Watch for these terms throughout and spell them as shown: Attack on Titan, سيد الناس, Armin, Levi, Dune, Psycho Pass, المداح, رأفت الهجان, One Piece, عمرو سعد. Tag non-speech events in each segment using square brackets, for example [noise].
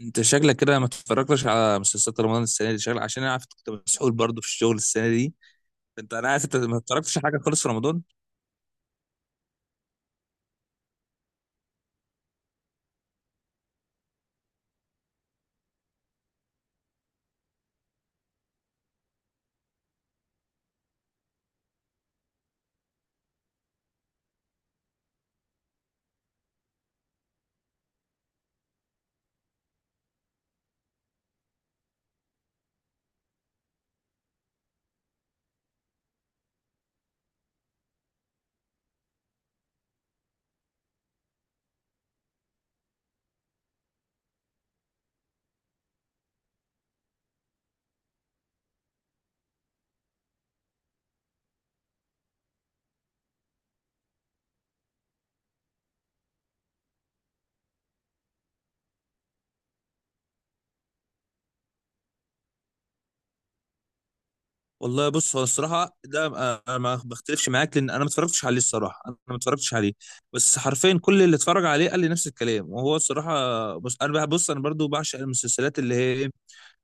انت شكلك كده ما اتفرجتش على مسلسلات رمضان السنه دي شكلك، عشان انا عارف كنت مسحول برضه في الشغل السنه دي. انا عارف انت ما اتفرجتش على حاجه خالص في رمضان. والله بص، هو الصراحه ده انا ما بختلفش معاك، لان انا ما اتفرجتش عليه الصراحه، انا ما اتفرجتش عليه. بس حرفيا كل اللي اتفرج عليه قال لي نفس الكلام. وهو الصراحه بص انا برضو بعشق المسلسلات اللي هي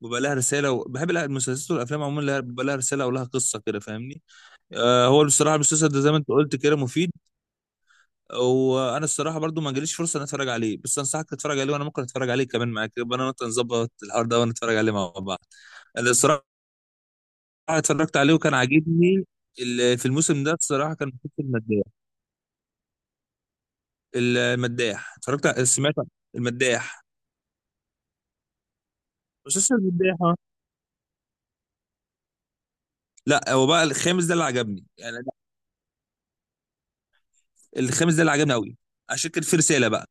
بيبقى لها رساله. وبحب المسلسلات والافلام عموما بيبقى لها رساله ولها قصه كده، فاهمني؟ آه. هو بصراحه المسلسل ده زي ما انت قلت كده مفيد. وانا الصراحه برضو ما جاليش فرصه ان اتفرج عليه، بس انصحك تتفرج عليه، وانا ممكن اتفرج عليه كمان معاك، يبقى انا وانت نظبط الحوار ده ونتفرج عليه مع بعض. انا الصراحه اتفرجت عليه وكان عاجبني. في الموسم ده الصراحه كان مسلسل المداح. المداح سمعت عن المداح. مسلسل المداح آه. لا، هو بقى الخامس ده اللي عجبني يعني. الخامس ده اللي عجبني قوي، عشان كان في رساله بقى.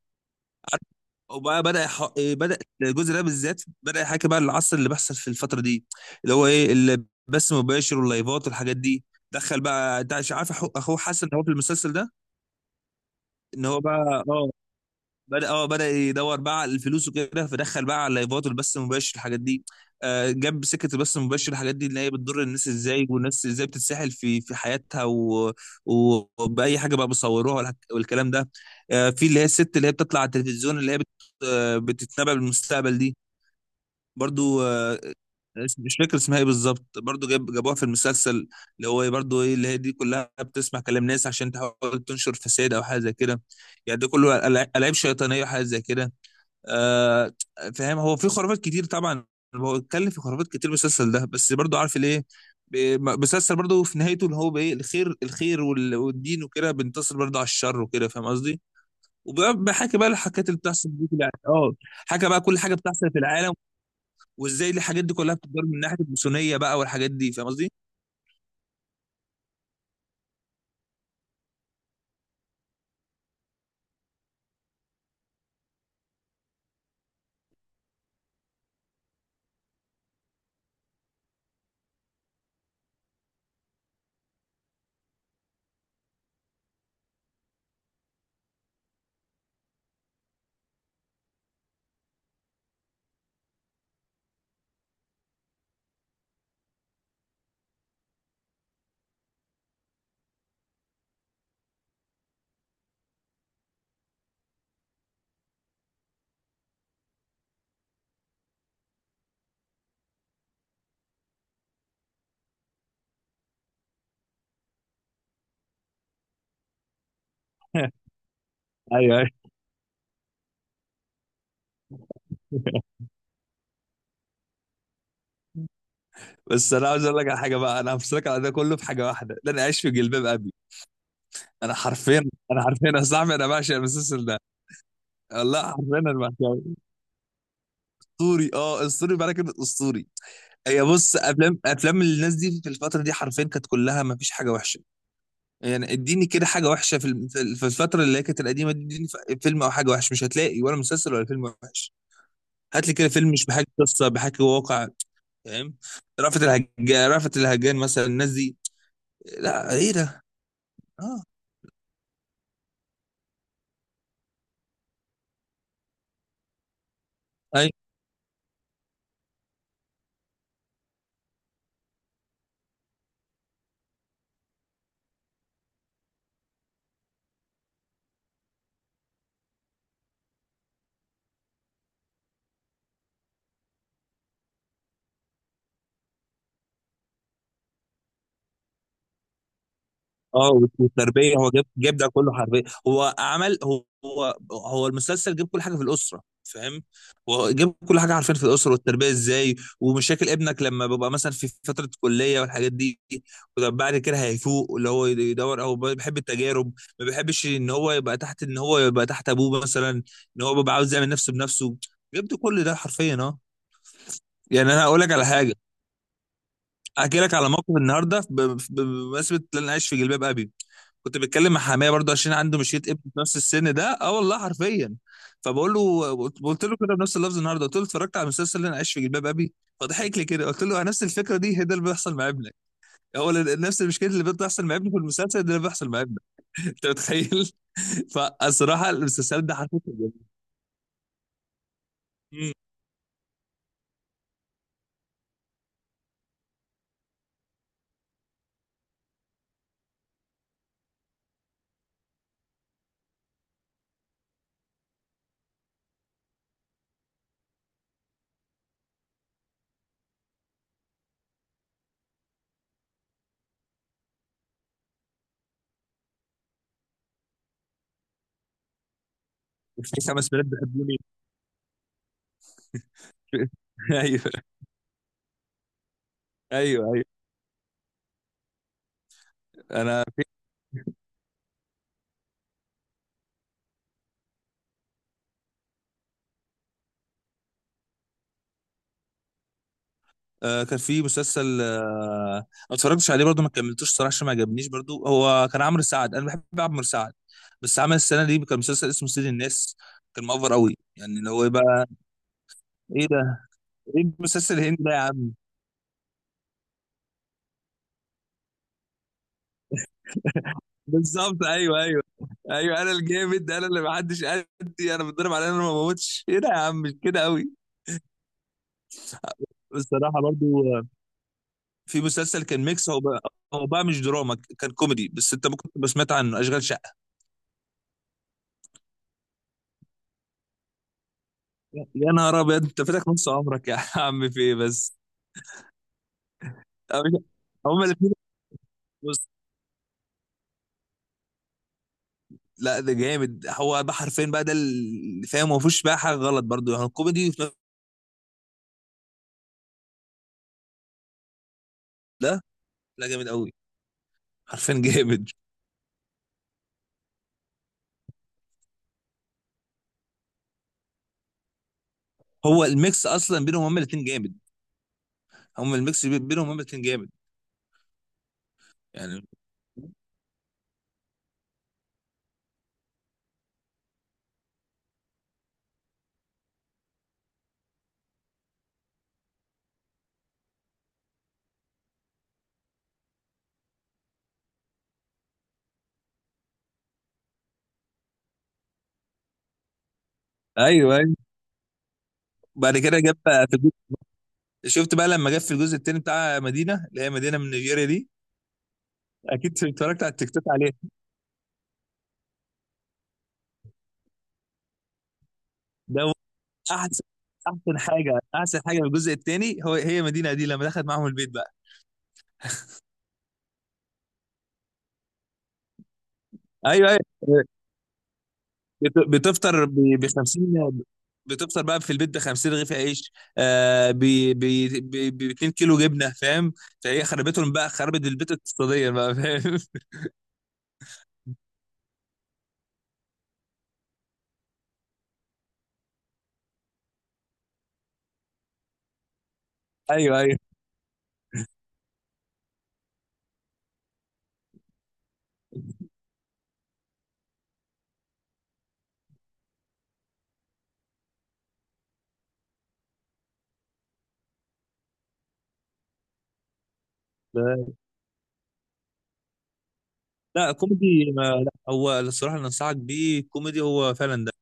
وبقى بدأ يح... إيه بدأ الجزء ده بالذات، بدأ يحكي بقى العصر اللي بيحصل في الفترة دي، اللي هو ايه، اللي بث مباشر واللايفات والحاجات دي. دخل بقى، انت مش عارف اخوه حسن هو في المسلسل ده، ان هو بقى بدأ يدور بقى على الفلوس وكده. فدخل بقى على اللايفات والبث المباشر الحاجات دي. جاب سكة البث المباشر الحاجات دي، اللي هي بتضر الناس ازاي، والناس ازاي بتتسحل في حياتها، و... وبأي حاجة بقى بيصوروها، والكلام ده. في اللي هي الست اللي هي بتطلع على التلفزيون، اللي هي بت... آه، بتتنبأ بالمستقبل دي. برضو مش فاكر اسمها ايه بالظبط. برضو جابوها في المسلسل، اللي هو برضو ايه، اللي هي دي كلها بتسمع كلام ناس عشان تحاول تنشر فساد او حاجه زي كده. يعني ده كله ألعاب شيطانيه وحاجات زي كده. آه فاهم؟ هو في خرافات كتير طبعا. هو اتكلم في خرافات كتير المسلسل ده، بس برضو عارف ليه؟ مسلسل برضو في نهايته اللي هو بايه الخير، الخير والدين وكده بينتصر برضو على الشر وكده، فاهم قصدي؟ وبحكي بقى الحاجات اللي بتحصل دي في حكى بقى كل حاجه بتحصل في العالم، وازاي الحاجات دي كلها بتدار من ناحيه الماسونيه بقى والحاجات دي، فاهم قصدي؟ [laughs] ايوه، ايوه. بس انا عاوز اقول لك على حاجه بقى، انا همسك على ده كله في حاجه واحده، ده انا عايش في جلباب ابي. انا حرفيا، انا حرفيا يا صاحبي انا بعشق المسلسل ده. والله حرفيا انا بحكي اسطوري، اسطوري بقى كده اسطوري. هي بص، افلام افلام الناس دي في الفتره دي حرفيا كانت كلها ما فيش حاجه وحشه. يعني اديني كده حاجه وحشه في الم- في في الفتره اللي هي كانت القديمه دي. اديني فيلم او حاجه وحشه مش هتلاقي، ولا مسلسل ولا فيلم وحش. هات لي كده فيلم مش بحكي قصه، بحكي واقع، فاهم؟ رأفت الهجان، رأفت الهجان مثلا الناس دي. لا ايه ده! اه، اه. والتربيه، هو جاب ده كله حربيه. هو عمل، هو المسلسل جاب كل حاجه في الاسره، فاهم؟ هو جاب كل حاجه عارفين في الاسره والتربيه ازاي. ومشاكل ابنك لما بيبقى مثلا في فتره كليه والحاجات دي. وطب بعد كده هيفوق اللي هو يدور او بيحب التجارب. ما بيحبش ان هو يبقى تحت، ان هو يبقى تحت ابوه مثلا، ان هو بيبقى عاوز يعمل نفسه بنفسه. جاب ده كل ده حرفيا، اه. يعني انا هقول لك على حاجه، احكي لك على موقف النهارده، بمناسبه ان انا عايش في جلباب ابي. كنت بتكلم مع حماية برضه، عشان عنده مشيت ابن في نفس السن ده، اه والله حرفيا. فبقول له، قلت له كده بنفس اللفظ النهارده، قلت له اتفرجت على المسلسل اللي انا عايش في جلباب ابي. فضحك لي كده. قلت له نفس الفكره دي، هي ده اللي بيحصل مع ابنك. هو نفس المشكله اللي بتحصل مع ابنك في المسلسل ده اللي بيحصل مع ابنك. انت متخيل؟ [laughs] فالصراحه المسلسل ده حرفيا. في خمس بنات بيحبوني. [laughs] ايوه، ايوه، ايوه، انا. كان في مسلسل أنا ما اتفرجتش عليه برضو، ما كملتوش صراحه عشان ما عجبنيش برضو. هو كان عمرو سعد، انا بحب عمرو سعد. بس عمل السنه دي كان مسلسل اسمه سيد الناس. كان مأفر قوي يعني، اللي هو إيه بقى. ايه ده! ايه المسلسل الهندي ده يا عم؟ بالظبط، ايوه، ايوه. ايوه، انا الجامد، انا اللي ما حدش قدي، انا بتضرب على انا ما بموتش. ايه ده يا عم، مش كده قوي. الصراحه برضو آه، في مسلسل كان ميكس. هو بقى، هو بقى مش دراما، كان كوميدي. بس انت ممكن تبقى سمعت عنه، اشغال. يا نهار ابيض، انت فاتك نص عمرك يا عم، في ايه بس؟ هما الاثنين. بص، لا ده جامد، هو ده حرفيا بقى، ده اللي فاهم. ما فيهوش بقى حاجه غلط برضو، يعني الكوميدي في نفس ده. لا، جامد قوي حرفيا [laughs] جامد. هو الميكس اصلا بينهم هما الاثنين جامد. هما الميكس بينهم هما الاثنين جامد. يعني، ايوه، ايوه. بعد كده جاب، في، شفت بقى لما جت في الجزء التاني بتاع مدينه، اللي هي مدينه من نيجيريا دي. اكيد اتفرجت على التيك توك عليه. ده هو احسن، احسن حاجه، احسن حاجه في الجزء التاني، هو هي مدينه دي لما دخلت معاهم البيت بقى. ايوه، ايوه. بتفطر ب 50. بتفطر بقى في البيت ب 50 رغيف عيش، آه ب ب ب 2 كيلو جبنه، فاهم؟ فهي خربتهم بقى، خربت البيت اقتصاديا بقى، فاهم؟ [laughs] ايوه، ايوه. لا كوميدي لا هو الصراحه اللي انصحك بيه كوميدي هو فعلا ده.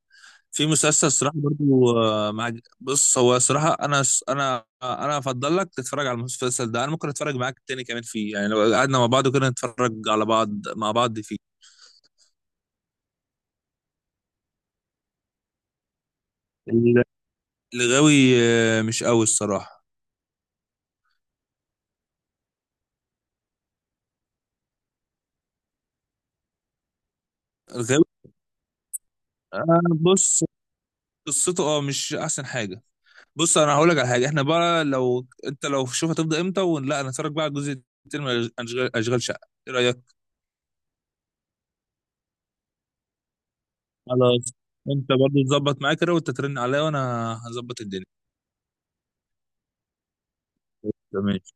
في مسلسل صراحة برضو مع، بص هو صراحة أنا أفضل لك تتفرج على المسلسل ده. أنا ممكن أتفرج معاك تاني كمان فيه، يعني لو قعدنا مع بعض وكده نتفرج على بعض مع بعض فيه. ال- الغاوي مش قوي الصراحة. الغاوي آه، بص قصته أه مش أحسن حاجة. بص أنا هقول لك على حاجة، إحنا بقى لو أنت، لو شوف هتبدأ إمتى، ولا نتفرج بقى على الجزء التاني من أشغال، أشغال شقة، إيه رأيك؟ خلاص. أنت برضو تظبط معاك كده، وأنت ترن عليا وأنا هظبط الدنيا. تمام.